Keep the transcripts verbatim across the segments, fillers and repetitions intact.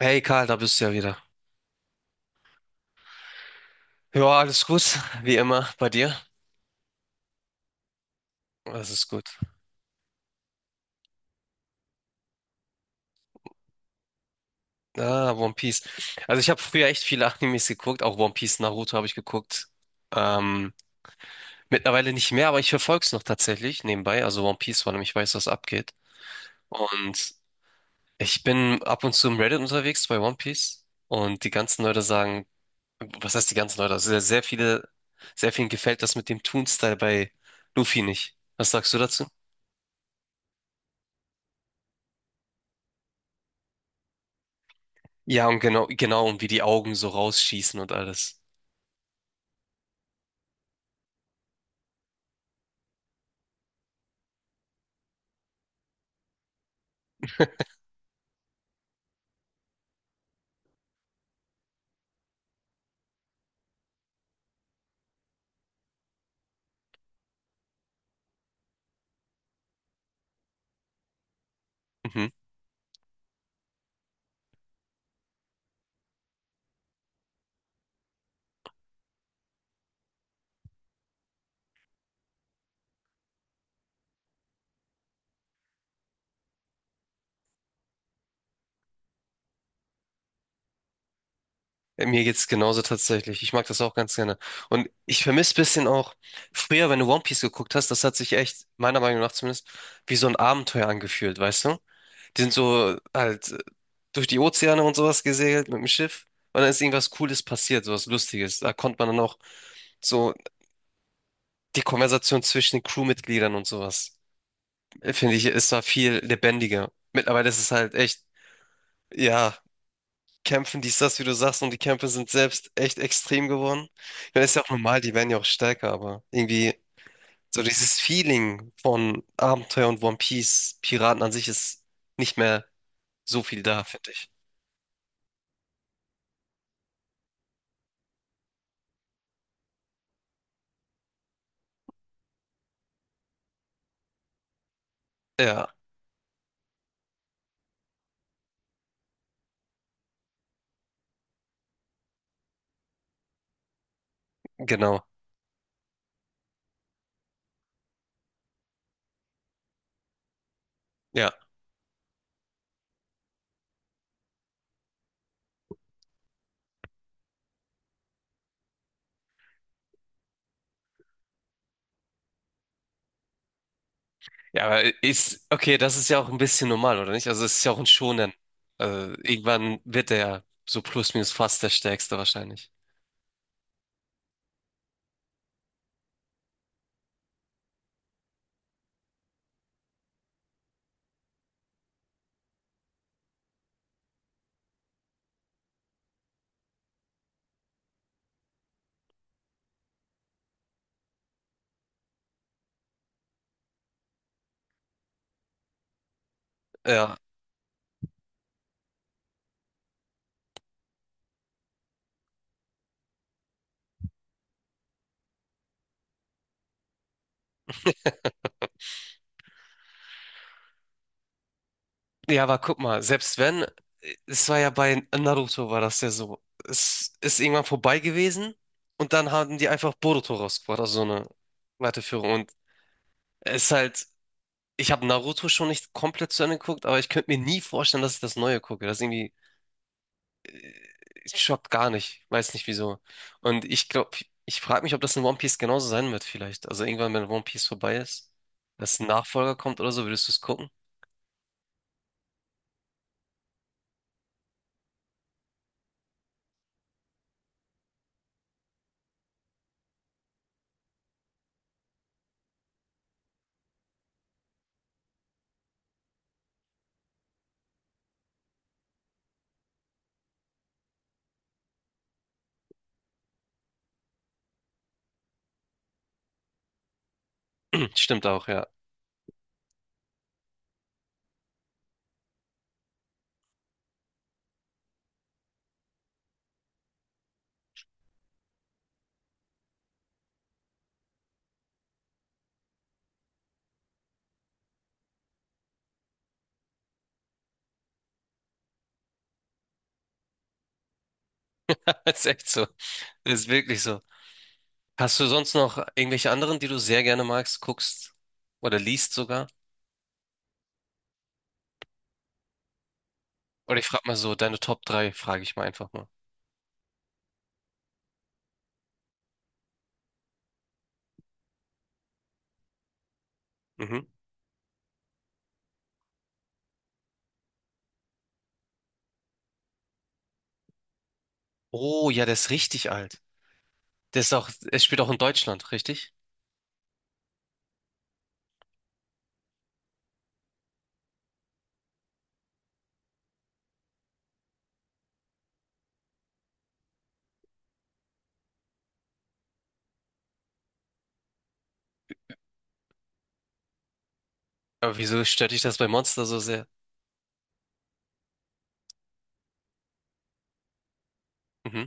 Hey Karl, da bist du ja wieder. Ja, alles gut, wie immer bei dir. Das ist gut. Ah, One Piece. Also ich habe früher echt viele Animes geguckt, auch One Piece, Naruto habe ich geguckt. Ähm, Mittlerweile nicht mehr, aber ich verfolge es noch tatsächlich nebenbei. Also One Piece, weil ich weiß, was abgeht. Und ich bin ab und zu im Reddit unterwegs bei One Piece. Und die ganzen Leute sagen, was heißt die ganzen Leute? Also sehr, sehr viele, sehr vielen gefällt das mit dem Toon-Style bei Luffy nicht. Was sagst du dazu? Ja, und genau, genau, und wie die Augen so rausschießen und alles. Mhm. Äh, Mir geht's genauso tatsächlich. Ich mag das auch ganz gerne. Und ich vermisse ein bisschen auch, früher, wenn du One Piece geguckt hast, das hat sich echt, meiner Meinung nach zumindest, wie so ein Abenteuer angefühlt, weißt du? Die sind so halt äh, durch die Ozeane und sowas gesegelt mit dem Schiff. Und dann ist irgendwas Cooles passiert, sowas Lustiges. Da konnte man dann auch so die Konversation zwischen den Crewmitgliedern und sowas. äh, Finde ich, es war viel lebendiger. Mittlerweile ist es halt echt, ja, Kämpfen, dies, das, wie du sagst, und die Kämpfe sind selbst echt extrem geworden. Ich meine, ist ja auch normal, die werden ja auch stärker, aber irgendwie so dieses Feeling von Abenteuer und One Piece, Piraten an sich ist nicht mehr so viel da, finde ich. Ja, genau. Ja. Ja, aber ist, okay, das ist ja auch ein bisschen normal, oder nicht? Also es ist ja auch ein Shonen. Also irgendwann wird er ja so plus minus fast der Stärkste wahrscheinlich. Ja. Ja, aber guck mal, selbst wenn, es war ja bei Naruto war das ja so. Es ist irgendwann vorbei gewesen und dann haben die einfach Boruto rausgebracht, also so eine Weiterführung. Und es ist halt, ich habe Naruto schon nicht komplett zu Ende geguckt, aber ich könnte mir nie vorstellen, dass ich das Neue gucke. Das irgendwie, es schockt gar nicht, weiß nicht wieso. Und ich glaube, ich frage mich, ob das in One Piece genauso sein wird vielleicht. Also irgendwann, wenn One Piece vorbei ist, dass ein Nachfolger kommt oder so, würdest du es gucken? Stimmt auch, ja. Ist echt so. Ist wirklich so. Hast du sonst noch irgendwelche anderen, die du sehr gerne magst, guckst oder liest sogar? Oder ich frage mal so, deine Top drei, frage ich mal einfach mal. Mhm. Oh, ja, der ist richtig alt. Der ist auch, es spielt auch in Deutschland, richtig? Aber wieso stört dich das bei Monster so sehr? Mhm.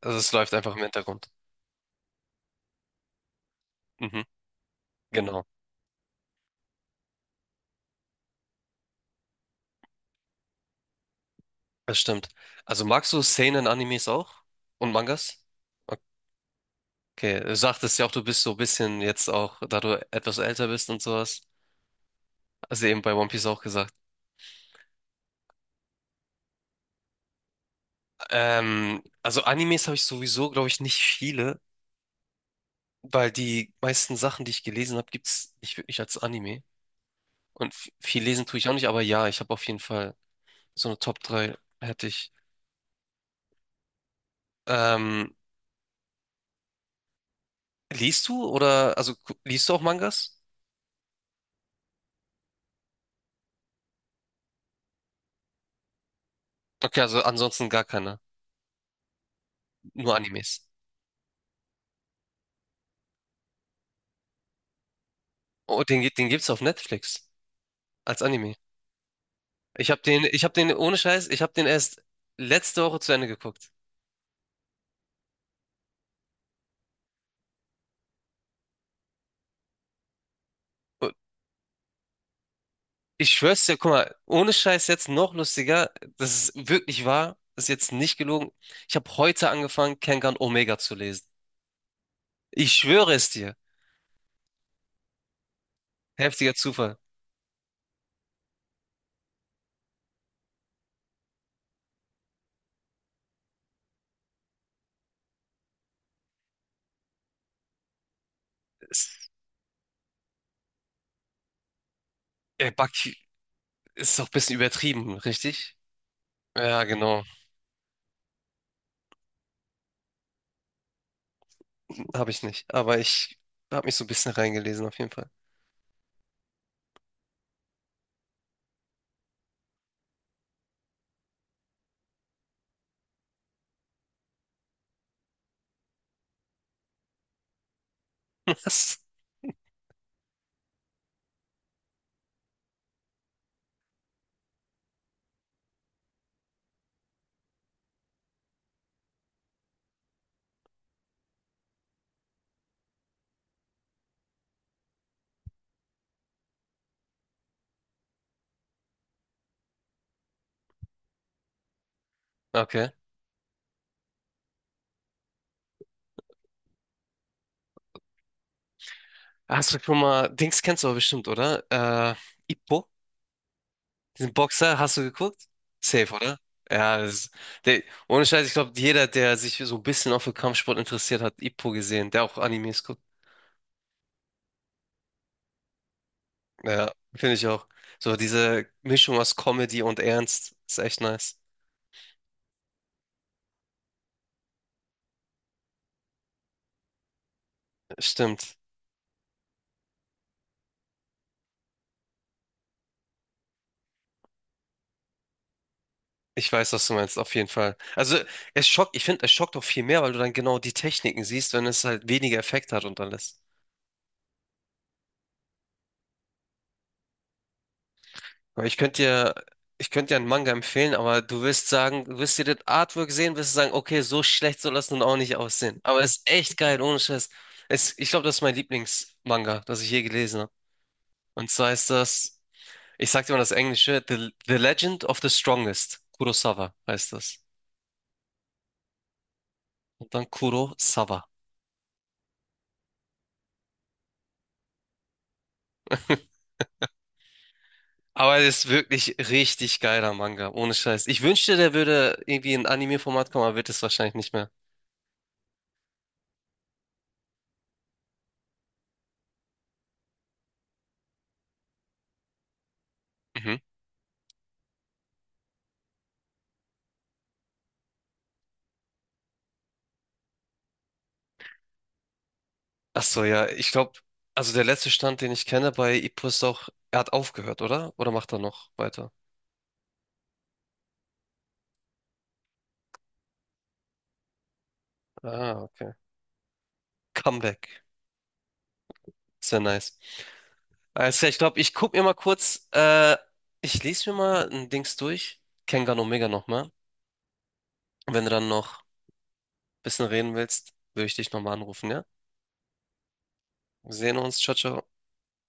Also es läuft einfach im Hintergrund. Mhm. Genau, das stimmt. Also magst du Seinen-Animes auch? Und Mangas? Okay, du sagtest ja auch, du bist so ein bisschen jetzt auch, da du etwas älter bist und sowas. Also eben bei One Piece auch gesagt. Ähm, also Animes habe ich sowieso, glaube ich, nicht viele, weil die meisten Sachen, die ich gelesen habe, gibt es nicht wirklich als Anime. Und f- viel lesen tue ich auch nicht, aber ja, ich habe auf jeden Fall so eine Top drei hätte ich. Ähm, Liest du oder, also gu- liest du auch Mangas? Okay, also ansonsten gar keine, nur Animes. Oh, den, gi- den gibt's auf Netflix als Anime. Ich habe den, ich habe den, ohne Scheiß, ich habe den erst letzte Woche zu Ende geguckt. Ich schwör's dir, guck mal, ohne Scheiß jetzt noch lustiger, das ist wirklich wahr, das ist jetzt nicht gelogen. Ich habe heute angefangen, Kengan Omega zu lesen. Ich schwöre es dir. Heftiger Zufall. Ist, äh, Baki ist doch ein bisschen übertrieben, richtig? Ja, genau. Habe ich nicht. Aber ich habe mich so ein bisschen reingelesen, auf jeden Fall. Was? Okay. Hast du schon mal, Dings kennst du aber bestimmt, oder? Äh, Ippo? Diesen Boxer hast du geguckt? Safe, oder? Ja, das, der, ohne Scheiß, ich glaube, jeder, der sich so ein bisschen auch für Kampfsport interessiert hat, Ippo gesehen, der auch Animes guckt. Ja, finde ich auch. So diese Mischung aus Comedy und Ernst ist echt nice. Stimmt. Ich weiß, was du meinst, auf jeden Fall. Also, es schockt, ich finde, es schockt auch viel mehr, weil du dann genau die Techniken siehst, wenn es halt weniger Effekt hat und alles. Aber ich könnte dir, ich könnte dir einen Manga empfehlen, aber du wirst sagen, du wirst dir das Artwork sehen, wirst sagen, okay, so schlecht soll das nun auch nicht aussehen. Aber es ist echt geil, ohne Scheiß. Es, ich glaube, das ist mein Lieblingsmanga, das ich je gelesen habe. Und zwar ist das, ich sag dir mal das Englische, The, The Legend of the Strongest. Kurosawa heißt das. Und dann Kurosawa. Aber es ist wirklich richtig geiler Manga, ohne Scheiß. Ich wünschte, der würde irgendwie in Anime-Format kommen, aber wird es wahrscheinlich nicht mehr. Mhm. Ach so, ja, ich glaube, also der letzte Stand, den ich kenne bei Ippo ist auch, er hat aufgehört, oder? Oder macht er noch weiter? Ah, okay. Comeback. Sehr nice. Alles klar, ich glaube, ich gucke mir mal kurz, äh, ich lese mir mal ein Dings durch. Kengan Omega nochmal. Und wenn du dann noch ein bisschen reden willst, würde ich dich nochmal anrufen, ja? Wir sehen uns. Ciao, ciao.